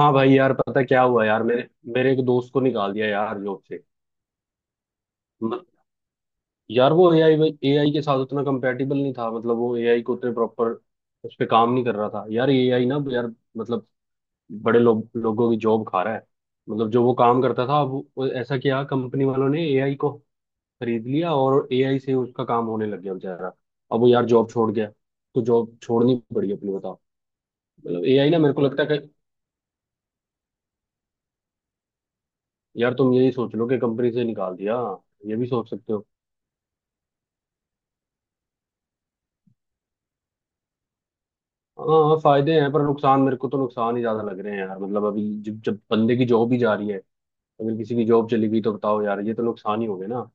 हाँ भाई यार, पता क्या हुआ यार? मेरे मेरे एक दोस्त को निकाल दिया यार जॉब से। म- यार वो एआई एआई के साथ उतना कंपेटेबल नहीं था। मतलब वो एआई को उतने प्रॉपर उस पे काम नहीं कर रहा था यार। एआई ना यार, मतलब बड़े लोगों की जॉब खा रहा है। मतलब जो वो काम करता था, अब वो ऐसा किया कंपनी वालों ने, एआई को खरीद लिया और एआई से उसका काम होने लग गया। बेचारा अब वो यार जॉब छोड़ गया, तो जॉब छोड़नी पड़ी। अपनी बताओ। मतलब एआई ना, मेरे को लगता है कि यार तुम यही सोच लो कि कंपनी से निकाल दिया, ये भी सोच सकते हो। हाँ हाँ, फायदे हैं पर नुकसान, मेरे को तो नुकसान ही ज्यादा लग रहे हैं यार। मतलब अभी जब जब बंदे की जॉब ही जा रही है, अगर किसी की जॉब चली गई तो बताओ यार, ये तो नुकसान ही हो गए ना।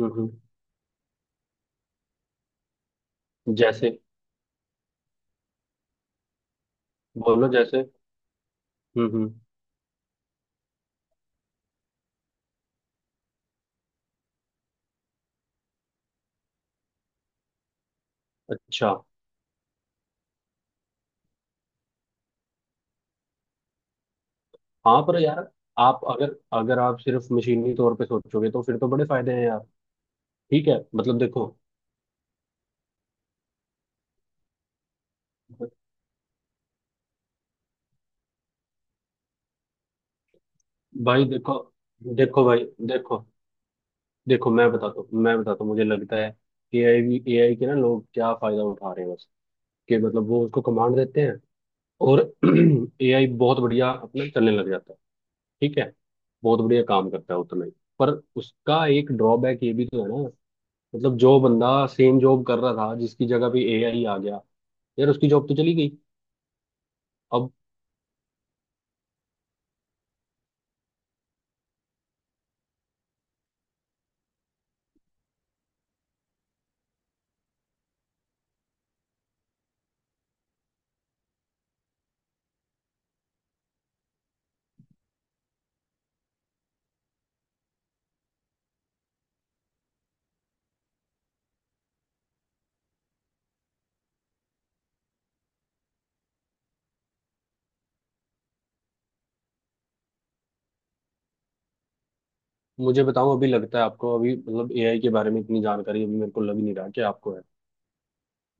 हम्म, हम्म। जैसे। बोलो जैसे। हम्म, हम्म। अच्छा। हाँ पर यार, आप अगर अगर आप सिर्फ मशीनी तौर पे सोचोगे तो फिर तो बड़े फायदे हैं यार। ठीक है, मतलब देखो। भाई देखो। देखो भाई देखो। देखो, मैं बताता हूँ, मुझे लगता है ए आई के ना, लोग क्या फायदा उठा रहे हैं, बस कि मतलब वो उसको कमांड देते हैं और एआई बहुत बढ़िया अपना चलने लग जाता है। ठीक है, बहुत बढ़िया काम करता है उतना ही, पर उसका एक ड्रॉबैक ये भी तो है ना। मतलब जो बंदा सेम जॉब कर रहा था, जिसकी जगह भी एआई आ गया, यार उसकी जॉब तो चली गई। अब मुझे बताओ, अभी लगता है आपको, अभी मतलब एआई के बारे में इतनी जानकारी अभी मेरे को लग नहीं रहा कि आपको है।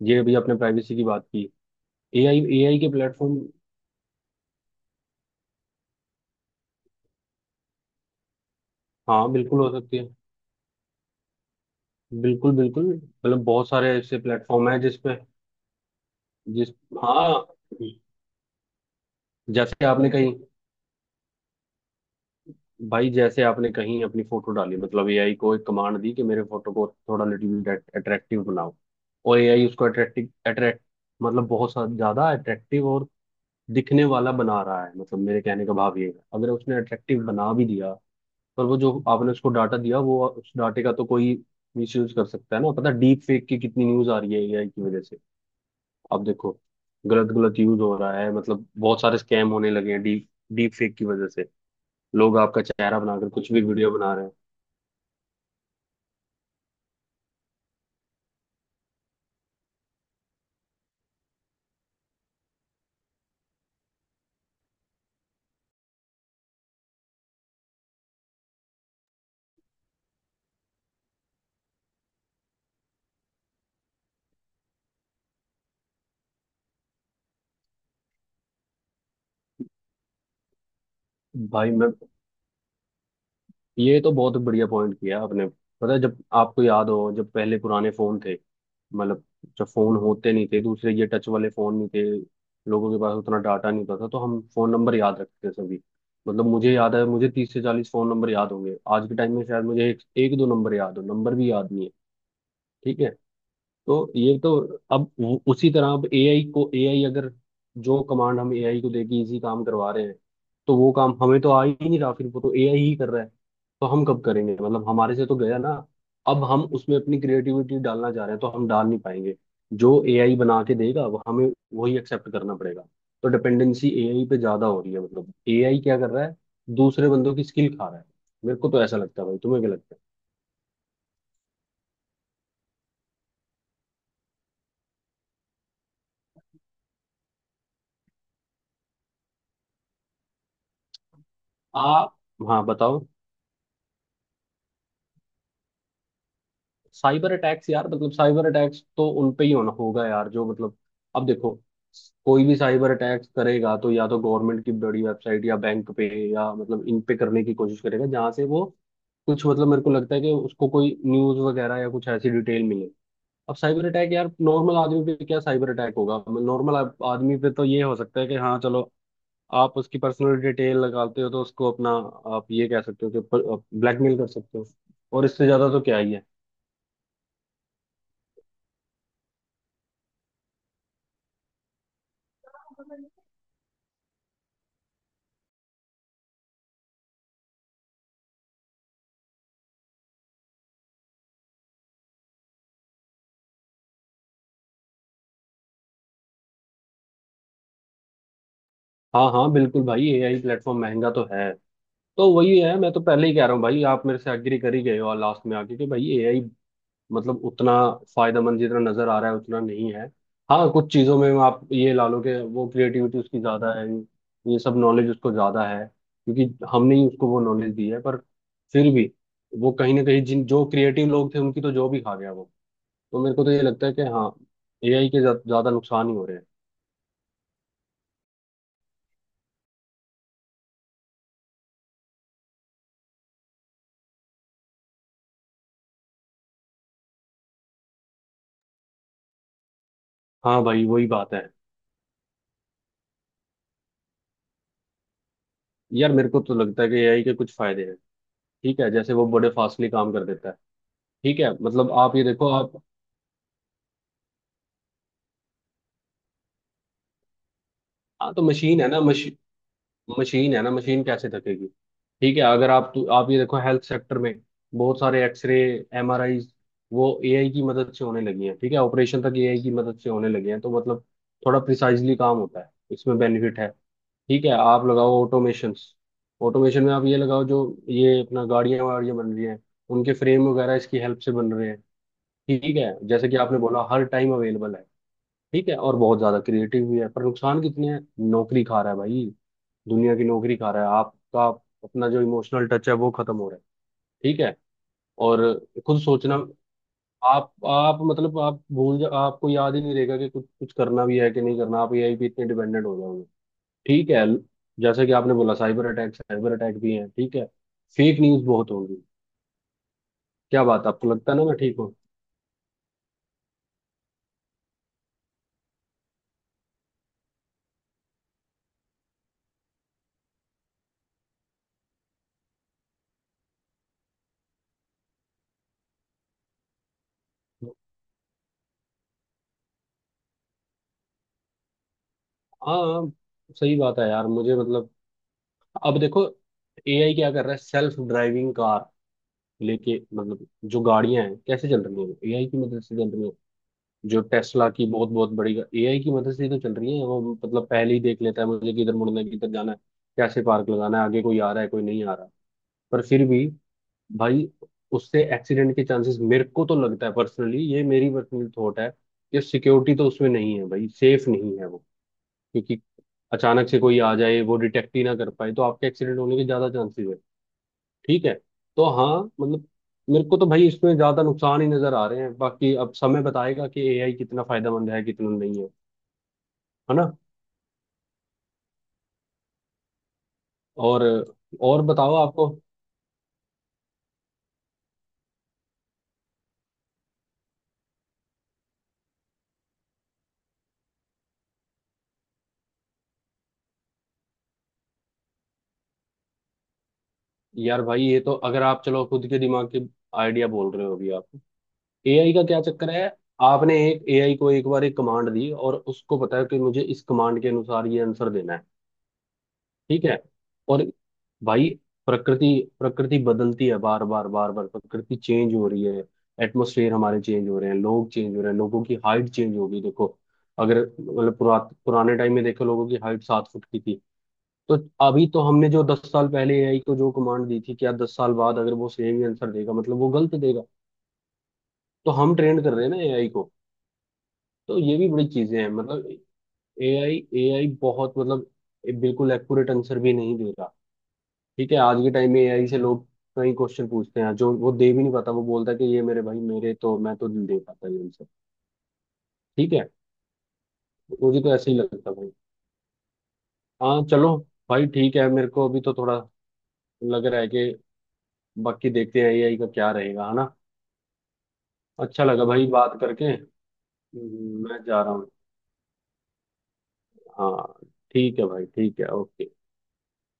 ये अभी आपने प्राइवेसी की बात की। एआई एआई के प्लेटफॉर्म। हाँ, बिल्कुल हो सकती है। बिल्कुल बिल्कुल, मतलब बहुत सारे ऐसे प्लेटफॉर्म है जिसपे। जिस हाँ। जैसे आपने कही। भाई, जैसे आपने कहीं अपनी फोटो डाली, मतलब एआई को एक कमांड दी कि मेरे फोटो को थोड़ा लिटिल बिट अट्रैक्टिव बनाओ, और एआई उसको अट्रैक्टिव अट्रैक्ट, मतलब ज्यादा अट्रैक्टिव और दिखने वाला बना रहा है। मतलब मेरे कहने का भाव ये है, अगर उसने अट्रैक्टिव बना भी दिया, पर वो जो आपने उसको डाटा दिया, वो उस डाटे का तो कोई मिसयूज कर सकता है ना। पता डीप फेक की कितनी न्यूज आ रही है एआई की वजह से। अब देखो, गलत गलत यूज हो रहा है, मतलब बहुत सारे स्कैम होने लगे हैं डीप डीप फेक की वजह से। लोग आपका चेहरा बनाकर कुछ भी वीडियो बना रहे हैं। भाई मैं ये तो बहुत बढ़िया पॉइंट किया आपने। पता है, जब आपको याद हो, जब पहले पुराने फोन थे, मतलब जब फोन होते नहीं थे दूसरे, ये टच वाले फोन नहीं थे, लोगों के पास उतना डाटा नहीं होता था, तो हम फोन नंबर याद रखते थे सभी। मतलब मुझे याद है, मुझे 30 से 40 फोन नंबर याद होंगे। आज के टाइम में शायद मुझे एक, एक दो नंबर याद हो, नंबर भी याद नहीं है। ठीक है, तो ये तो, अब उसी तरह, अब एआई को, एआई अगर, जो कमांड हम एआई को देके इसी काम करवा रहे हैं, तो वो काम हमें तो आ ही नहीं रहा, फिर वो तो एआई ही कर रहा है, तो हम कब करेंगे? मतलब हमारे से तो गया ना। अब हम उसमें अपनी क्रिएटिविटी डालना चाह रहे हैं तो हम डाल नहीं पाएंगे, जो एआई बना के देगा वो हमें वही एक्सेप्ट करना पड़ेगा। तो डिपेंडेंसी एआई पे ज्यादा हो रही है। मतलब एआई क्या कर रहा है, दूसरे बंदों की स्किल खा रहा है। मेरे को तो ऐसा लगता है भाई, तुम्हें क्या लगता है? आप हाँ बताओ। साइबर अटैक्स यार, मतलब साइबर अटैक्स तो उन पे ही होना होगा यार, जो मतलब, अब देखो, कोई भी साइबर अटैक्स करेगा तो या तो गवर्नमेंट की बड़ी वेबसाइट या बैंक पे, या मतलब इन पे करने की कोशिश करेगा जहां से वो कुछ, मतलब मेरे को लगता है कि उसको कोई न्यूज वगैरह या कुछ ऐसी डिटेल मिले। अब साइबर अटैक यार, नॉर्मल आदमी पे क्या साइबर अटैक होगा? नॉर्मल आदमी पे तो ये हो सकता है कि हाँ चलो, आप उसकी पर्सनल डिटेल लगाते हो तो उसको अपना, आप ये कह सकते हो कि ब्लैकमेल कर सकते हो, और इससे ज्यादा तो क्या ही है। हाँ हाँ, बिल्कुल भाई, एआई प्लेटफॉर्म महंगा तो है। तो वही है, मैं तो पहले ही कह रहा हूँ भाई, आप मेरे से एग्री कर ही गए हो लास्ट में आके कि भाई एआई मतलब उतना फायदेमंद, जितना नजर आ रहा है उतना नहीं है। हाँ, कुछ चीजों में आप ये ला लो कि वो क्रिएटिविटी उसकी ज्यादा है, ये सब नॉलेज उसको ज्यादा है, क्योंकि हमने ही उसको वो नॉलेज दी है, पर फिर भी वो कहीं ना कहीं जिन जो क्रिएटिव लोग थे उनकी तो जॉब ही खा गया वो। तो मेरे को तो ये लगता है कि हाँ, एआई के ज्यादा नुकसान ही हो रहे हैं। हाँ भाई वही बात है। यार मेरे को तो लगता है कि एआई के कुछ फायदे हैं, ठीक है, जैसे वो बड़े फास्टली काम कर देता है, ठीक है, मतलब आप ये देखो आप। हाँ तो मशीन है ना मशीन, मशीन है ना मशीन, कैसे थकेगी? ठीक है, अगर आप, तो आप ये देखो, हेल्थ सेक्टर में बहुत सारे एक्सरे, एमआरआई, वो एआई की मदद से होने लगी हैं, ठीक है, ऑपरेशन तक एआई की मदद से होने लगे हैं, तो मतलब थोड़ा प्रिसाइजली काम होता है, इसमें बेनिफिट है। ठीक है, आप लगाओ ऑटोमेशन, ऑटोमेशन में आप ये लगाओ जो, ये अपना गाड़ियां वाड़ियां बन रही हैं, उनके फ्रेम वगैरह इसकी हेल्प से बन रहे हैं। ठीक है, जैसे कि आपने बोला हर टाइम अवेलेबल है, ठीक है, और बहुत ज्यादा क्रिएटिव भी है, पर नुकसान कितने हैं? नौकरी खा रहा है भाई, दुनिया की नौकरी खा रहा है। आपका अपना जो इमोशनल टच है वो खत्म हो रहा है, ठीक है, और खुद सोचना। आप मतलब आप भूल जा, आपको याद ही नहीं रहेगा कि कुछ कुछ करना भी है कि नहीं करना, आप एआई पे इतने डिपेंडेंट हो जाओगे। ठीक है, जैसे कि आपने बोला साइबर अटैक, साइबर अटैक भी है, ठीक है, फेक न्यूज बहुत होगी। क्या बात है, आपको लगता है ना मैं ठीक हूँ? हाँ, सही बात है यार, मुझे मतलब, अब देखो, एआई क्या कर रहा है, सेल्फ ड्राइविंग कार लेके, मतलब जो गाड़ियां हैं कैसे चल रही हैं, एआई की मदद से चल रही हैं। जो टेस्ला की बहुत बहुत बड़ी, एआई की मदद से ही तो चल रही है वो, मतलब पहले ही देख लेता है मुझे किधर मुड़ना है, किधर जाना है, कैसे पार्क लगाना है, आगे कोई आ रहा है कोई नहीं आ रहा। पर फिर भी भाई, उससे एक्सीडेंट के चांसेस, मेरे को तो लगता है पर्सनली, ये मेरी पर्सनल थॉट है, कि सिक्योरिटी तो उसमें नहीं है भाई, सेफ नहीं है वो, क्योंकि अचानक से कोई आ जाए, वो डिटेक्ट ही ना कर पाए, तो आपके एक्सीडेंट होने के ज्यादा चांसेस है, ठीक है? तो हाँ, मतलब मेरे को तो भाई इसमें ज्यादा नुकसान ही नजर आ रहे हैं, बाकी अब समय बताएगा कि एआई कितना फायदेमंद है कितना नहीं है, है ना? और और बताओ आपको। यार भाई, ये तो, अगर आप चलो खुद के दिमाग के आइडिया बोल रहे हो अभी आप, एआई का क्या चक्कर है? आपने एक एआई को एक बार एक कमांड दी, और उसको पता है कि मुझे इस कमांड के अनुसार ये आंसर देना है, ठीक है? और भाई, प्रकृति, प्रकृति बदलती है, बार बार बार बार प्रकृति चेंज हो रही है, एटमोसफेयर हमारे चेंज हो रहे हैं, लोग चेंज हो रहे हैं, लोगों की हाइट चेंज हो गई। देखो, अगर मतलब पुराने टाइम में देखो, लोगों की हाइट 7 फुट की थी तो, अभी तो हमने जो 10 साल पहले एआई को जो कमांड दी थी, क्या 10 साल बाद अगर वो सेम ही आंसर देगा, मतलब वो गलत देगा। तो हम ट्रेंड कर रहे हैं ना एआई को, तो ये भी बड़ी चीजें हैं मतलब। एआई एआई बहुत मतलब बिल्कुल एक्यूरेट आंसर भी नहीं देगा। ठीक है, आज के टाइम में एआई से लोग कई क्वेश्चन पूछते हैं जो वो दे भी नहीं पाता, वो बोलता है कि ये मेरे भाई, मेरे तो, मैं तो नहीं दे पाता ये आंसर, ठीक है? मुझे तो ऐसे ही लगता है भाई। हाँ चलो भाई ठीक है, मेरे को अभी तो थोड़ा लग रहा है कि, बाकी देखते हैं एआई का क्या रहेगा, है ना? अच्छा लगा भाई बात करके। मैं जा रहा हूँ। हाँ, ठीक है भाई, ठीक है, ओके।